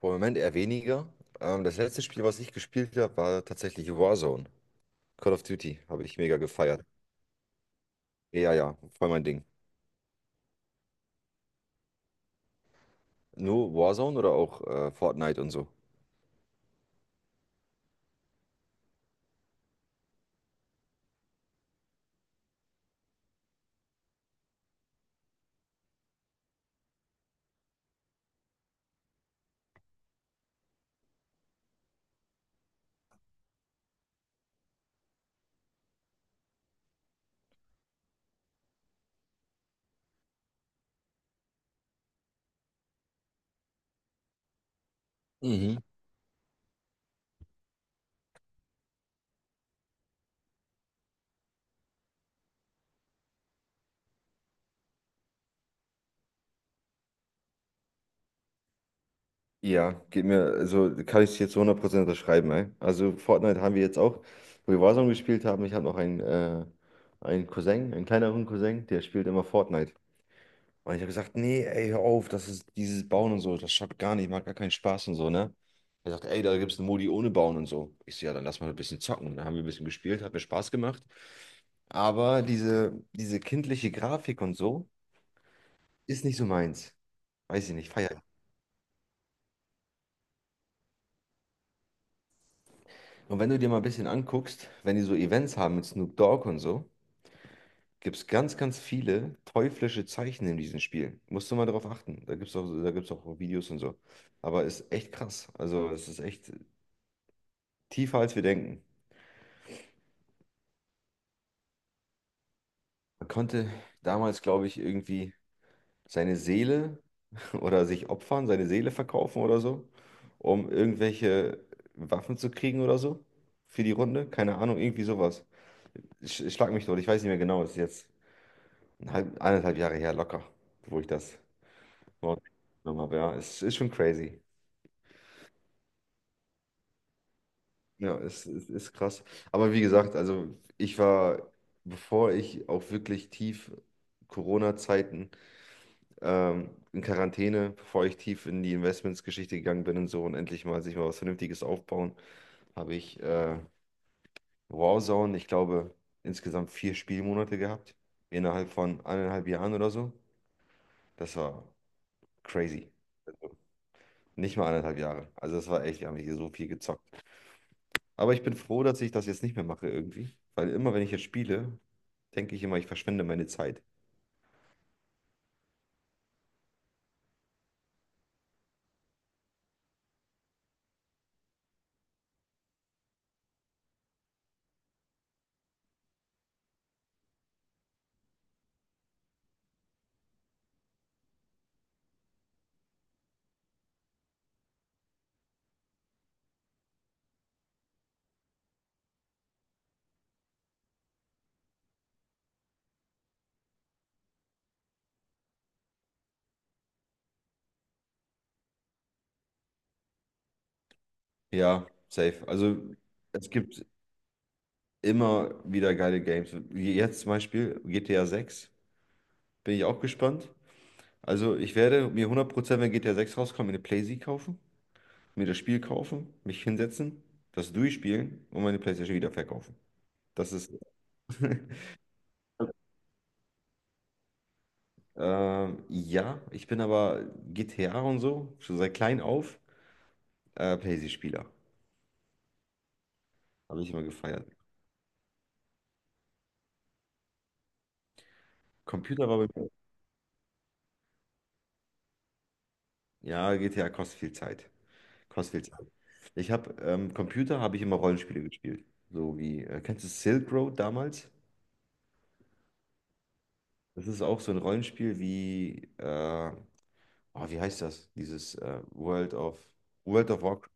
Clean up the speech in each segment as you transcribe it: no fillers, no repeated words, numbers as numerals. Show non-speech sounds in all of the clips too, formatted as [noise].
Boah, im Moment eher weniger. Das letzte Spiel, was ich gespielt habe, war tatsächlich Warzone. Call of Duty habe ich mega gefeiert. Ja, ja, voll mein Ding. Nur Warzone oder auch Fortnite und so? Mhm. Ja, geht mir, also kann ich es jetzt zu 100% unterschreiben, ey. Also Fortnite haben wir jetzt auch, wo wir Warzone gespielt haben. Ich habe noch einen Cousin, einen kleineren Cousin, der spielt immer Fortnite. Und ich habe gesagt, nee, ey, hör auf, das ist dieses Bauen und so, das schafft gar nicht, macht gar keinen Spaß und so, ne? Er sagt, ey, da gibt es einen Modi ohne Bauen und so. Ich so, ja, dann lass mal ein bisschen zocken. Und dann haben wir ein bisschen gespielt, hat mir Spaß gemacht. Aber diese kindliche Grafik und so ist nicht so meins. Weiß ich nicht, feier ich. Und wenn du dir mal ein bisschen anguckst, wenn die so Events haben mit Snoop Dogg und so, gibt es ganz, ganz viele teuflische Zeichen in diesen Spielen. Musst du mal drauf achten. Da gibt es auch, da gibt's auch Videos und so. Aber ist echt krass. Also, es ist echt. Tiefer als wir denken. Man konnte damals, glaube ich, irgendwie seine Seele [laughs] oder sich opfern, seine Seele verkaufen oder so, um irgendwelche Waffen zu kriegen oder so für die Runde. Keine Ahnung, irgendwie sowas. Schlag mich tot, ich weiß nicht mehr genau. Es ist jetzt 1,5 Jahre her locker, wo ich das überhaupt genommen habe. Ja, es ist schon crazy. Ja, es ist krass. Aber wie gesagt, also ich war, bevor ich auch wirklich tief Corona-Zeiten in Quarantäne, bevor ich tief in die Investments-Geschichte gegangen bin und so und endlich mal sich mal was Vernünftiges aufbauen, habe ich Warzone, ich glaube, insgesamt 4 Spielmonate gehabt, innerhalb von 1,5 Jahren oder so. Das war crazy. Also nicht mal 1,5 Jahre. Also das war echt, wir haben hier so viel gezockt. Aber ich bin froh, dass ich das jetzt nicht mehr mache irgendwie, weil immer, wenn ich jetzt spiele, denke ich immer, ich verschwende meine Zeit. Ja, safe. Also es gibt immer wieder geile Games. Wie jetzt zum Beispiel GTA 6, bin ich auch gespannt. Also ich werde mir 100%, wenn GTA 6 rauskommt, mir eine PlayStation kaufen, mir das Spiel kaufen, mich hinsetzen, das durchspielen und meine PlayStation wieder verkaufen. Das ist, [laughs] ja, ich bin aber GTA und so, schon seit klein auf, PlayStation-Spieler. Habe ich immer gefeiert. Computer war bei mir, ja, GTA kostet viel Zeit. Kostet viel Ich habe Computer, habe ich immer Rollenspiele gespielt. So wie, kennst du Silk Road damals? Das ist auch so ein Rollenspiel wie, oh, wie heißt das? Dieses World of Warcraft.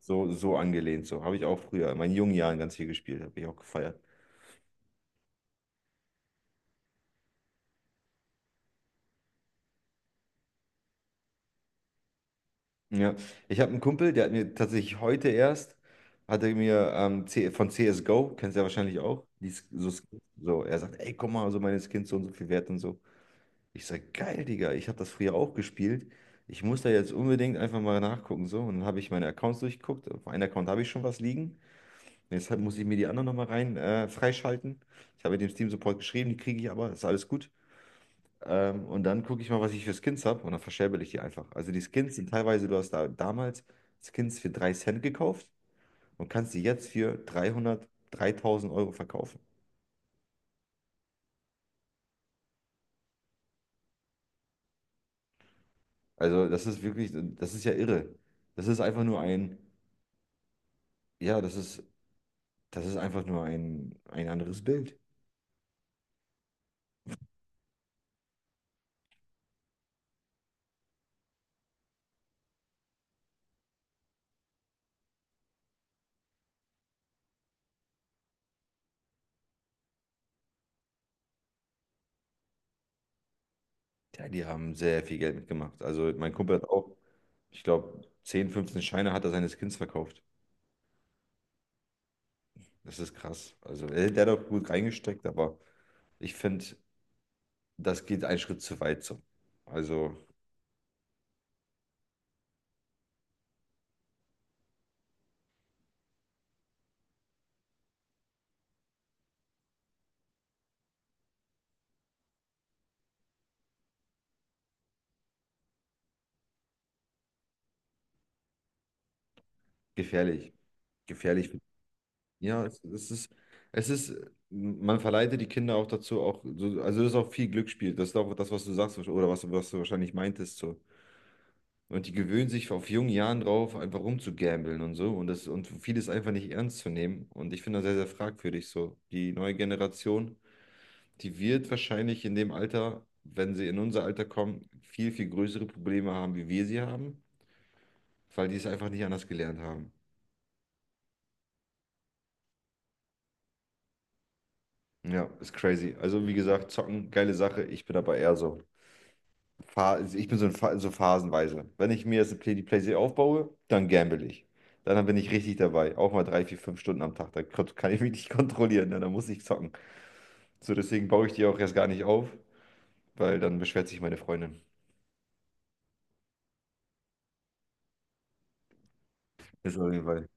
So, so angelehnt, so habe ich auch früher in meinen jungen Jahren ganz viel gespielt, habe ich auch gefeiert. Ja, ich habe einen Kumpel, der hat mir tatsächlich heute erst, hat er mir C von CSGO, kennst du ja wahrscheinlich auch, die, so, Skins. So, er sagt, ey, guck mal, so meine Skins so und so viel wert und so. Ich sag, geil, Digga, ich habe das früher auch gespielt. Ich muss da jetzt unbedingt einfach mal nachgucken. So, und dann habe ich meine Accounts durchgeguckt. Auf einem Account habe ich schon was liegen. Deshalb muss ich mir die anderen nochmal rein freischalten. Ich habe dem Steam Support geschrieben, die kriege ich aber, ist alles gut. Und dann gucke ich mal, was ich für Skins habe und dann verscherbel ich die einfach. Also die Skins sind teilweise, du hast da damals Skins für 3 Cent gekauft und kannst die jetzt für 300, 3.000 Euro verkaufen. Also das ist wirklich, das ist ja irre. Das ist einfach nur ein, ja, das ist. Das ist einfach nur ein anderes Bild. Ja, die haben sehr viel Geld mitgemacht. Also mein Kumpel hat auch, ich glaube, 10, 15 Scheine hat er seines Kindes verkauft. Das ist krass. Also der hat auch gut reingesteckt, aber ich finde, das geht einen Schritt zu weit so. Also gefährlich. Gefährlich. Ja, es ist, man verleitet die Kinder auch dazu, auch, so, also das ist auch viel Glücksspiel. Das ist auch das, was du sagst oder was du wahrscheinlich meintest. So. Und die gewöhnen sich auf jungen Jahren drauf, einfach rumzugambeln und so. Und vieles einfach nicht ernst zu nehmen. Und ich finde das sehr, sehr fragwürdig so. Die neue Generation, die wird wahrscheinlich in dem Alter, wenn sie in unser Alter kommen, viel, viel größere Probleme haben, wie wir sie haben, weil die es einfach nicht anders gelernt haben. Ja, ist crazy. Also, wie gesagt, zocken, geile Sache. Ich bin aber eher so. Ich bin so, in so phasenweise. Wenn ich mir jetzt eine Playsee aufbaue, dann gamble ich. Dann bin ich richtig dabei. Auch mal 3, 4, 5 Stunden am Tag. Dann kann ich mich nicht [laughs] kontrollieren. Ne? Dann muss ich zocken. So, deswegen baue ich die auch erst gar nicht auf, weil dann beschwert sich meine Freundin. Ist auf jeden Fall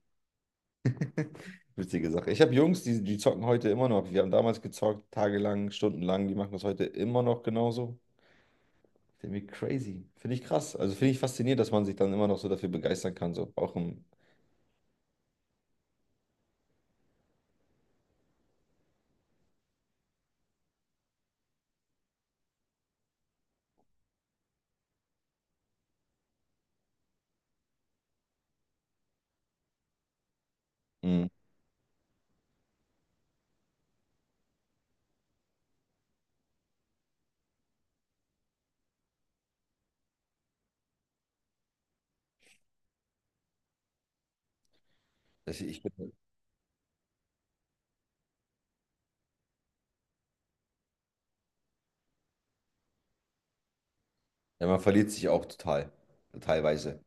[laughs] witzige Sache. Ich habe Jungs, die zocken heute immer noch. Wir haben damals gezockt, tagelang, stundenlang. Die machen das heute immer noch genauso. Irgendwie crazy. Finde ich krass. Also finde ich faszinierend, dass man sich dann immer noch so dafür begeistern kann. So auch im. Mhm. Ich bin Ja, man verliert sich auch total, teilweise.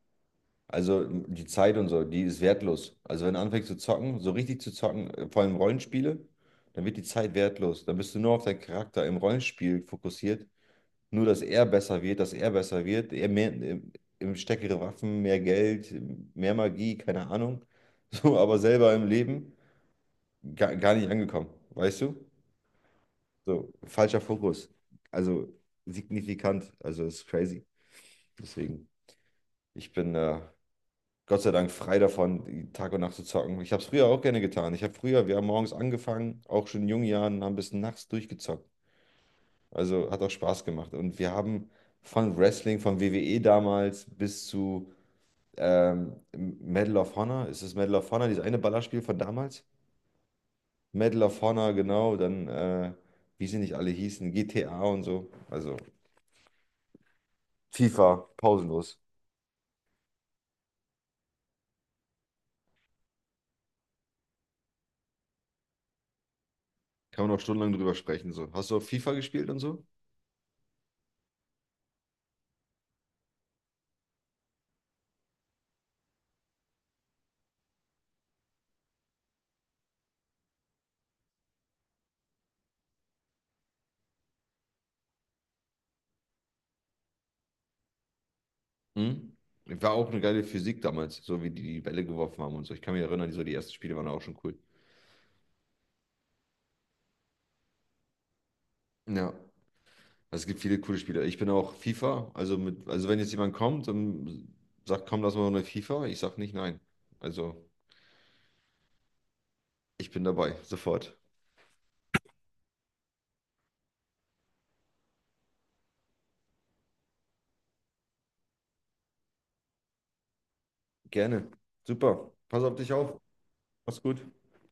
Also die Zeit und so, die ist wertlos. Also wenn du anfängst zu zocken, so richtig zu zocken, vor allem Rollenspiele, dann wird die Zeit wertlos. Dann bist du nur auf deinen Charakter im Rollenspiel fokussiert. Nur, dass er besser wird, dass er besser wird, er mehr, im stärkere Waffen, mehr Geld, mehr Magie, keine Ahnung. [laughs] So, aber selber im Leben gar, gar nicht angekommen, weißt du? So, falscher Fokus. Also signifikant, also ist crazy. Deswegen, ich bin Gott sei Dank frei davon, die Tag und Nacht zu zocken. Ich habe es früher auch gerne getan. Ich habe früher, wir haben morgens angefangen, auch schon in jungen Jahren, haben bis nachts durchgezockt. Also hat auch Spaß gemacht. Und wir haben von Wrestling, von WWE damals bis zu Medal of Honor. Ist es Medal of Honor, dieses eine Ballerspiel von damals? Medal of Honor, genau. Dann, wie sie nicht alle hießen, GTA und so. Also FIFA, pausenlos. Kann man auch stundenlang drüber sprechen. So. Hast du auch FIFA gespielt und so? Mhm. War auch eine geile Physik damals, so wie die die Bälle geworfen haben und so. Ich kann mich erinnern, so die ersten Spiele waren auch schon cool. Ja, also es gibt viele coole Spiele. Ich bin auch FIFA, also also wenn jetzt jemand kommt und sagt, komm, lass mal eine FIFA, ich sag nicht nein. Also ich bin dabei, sofort. Gerne. Super. Pass auf dich auf. Mach's gut.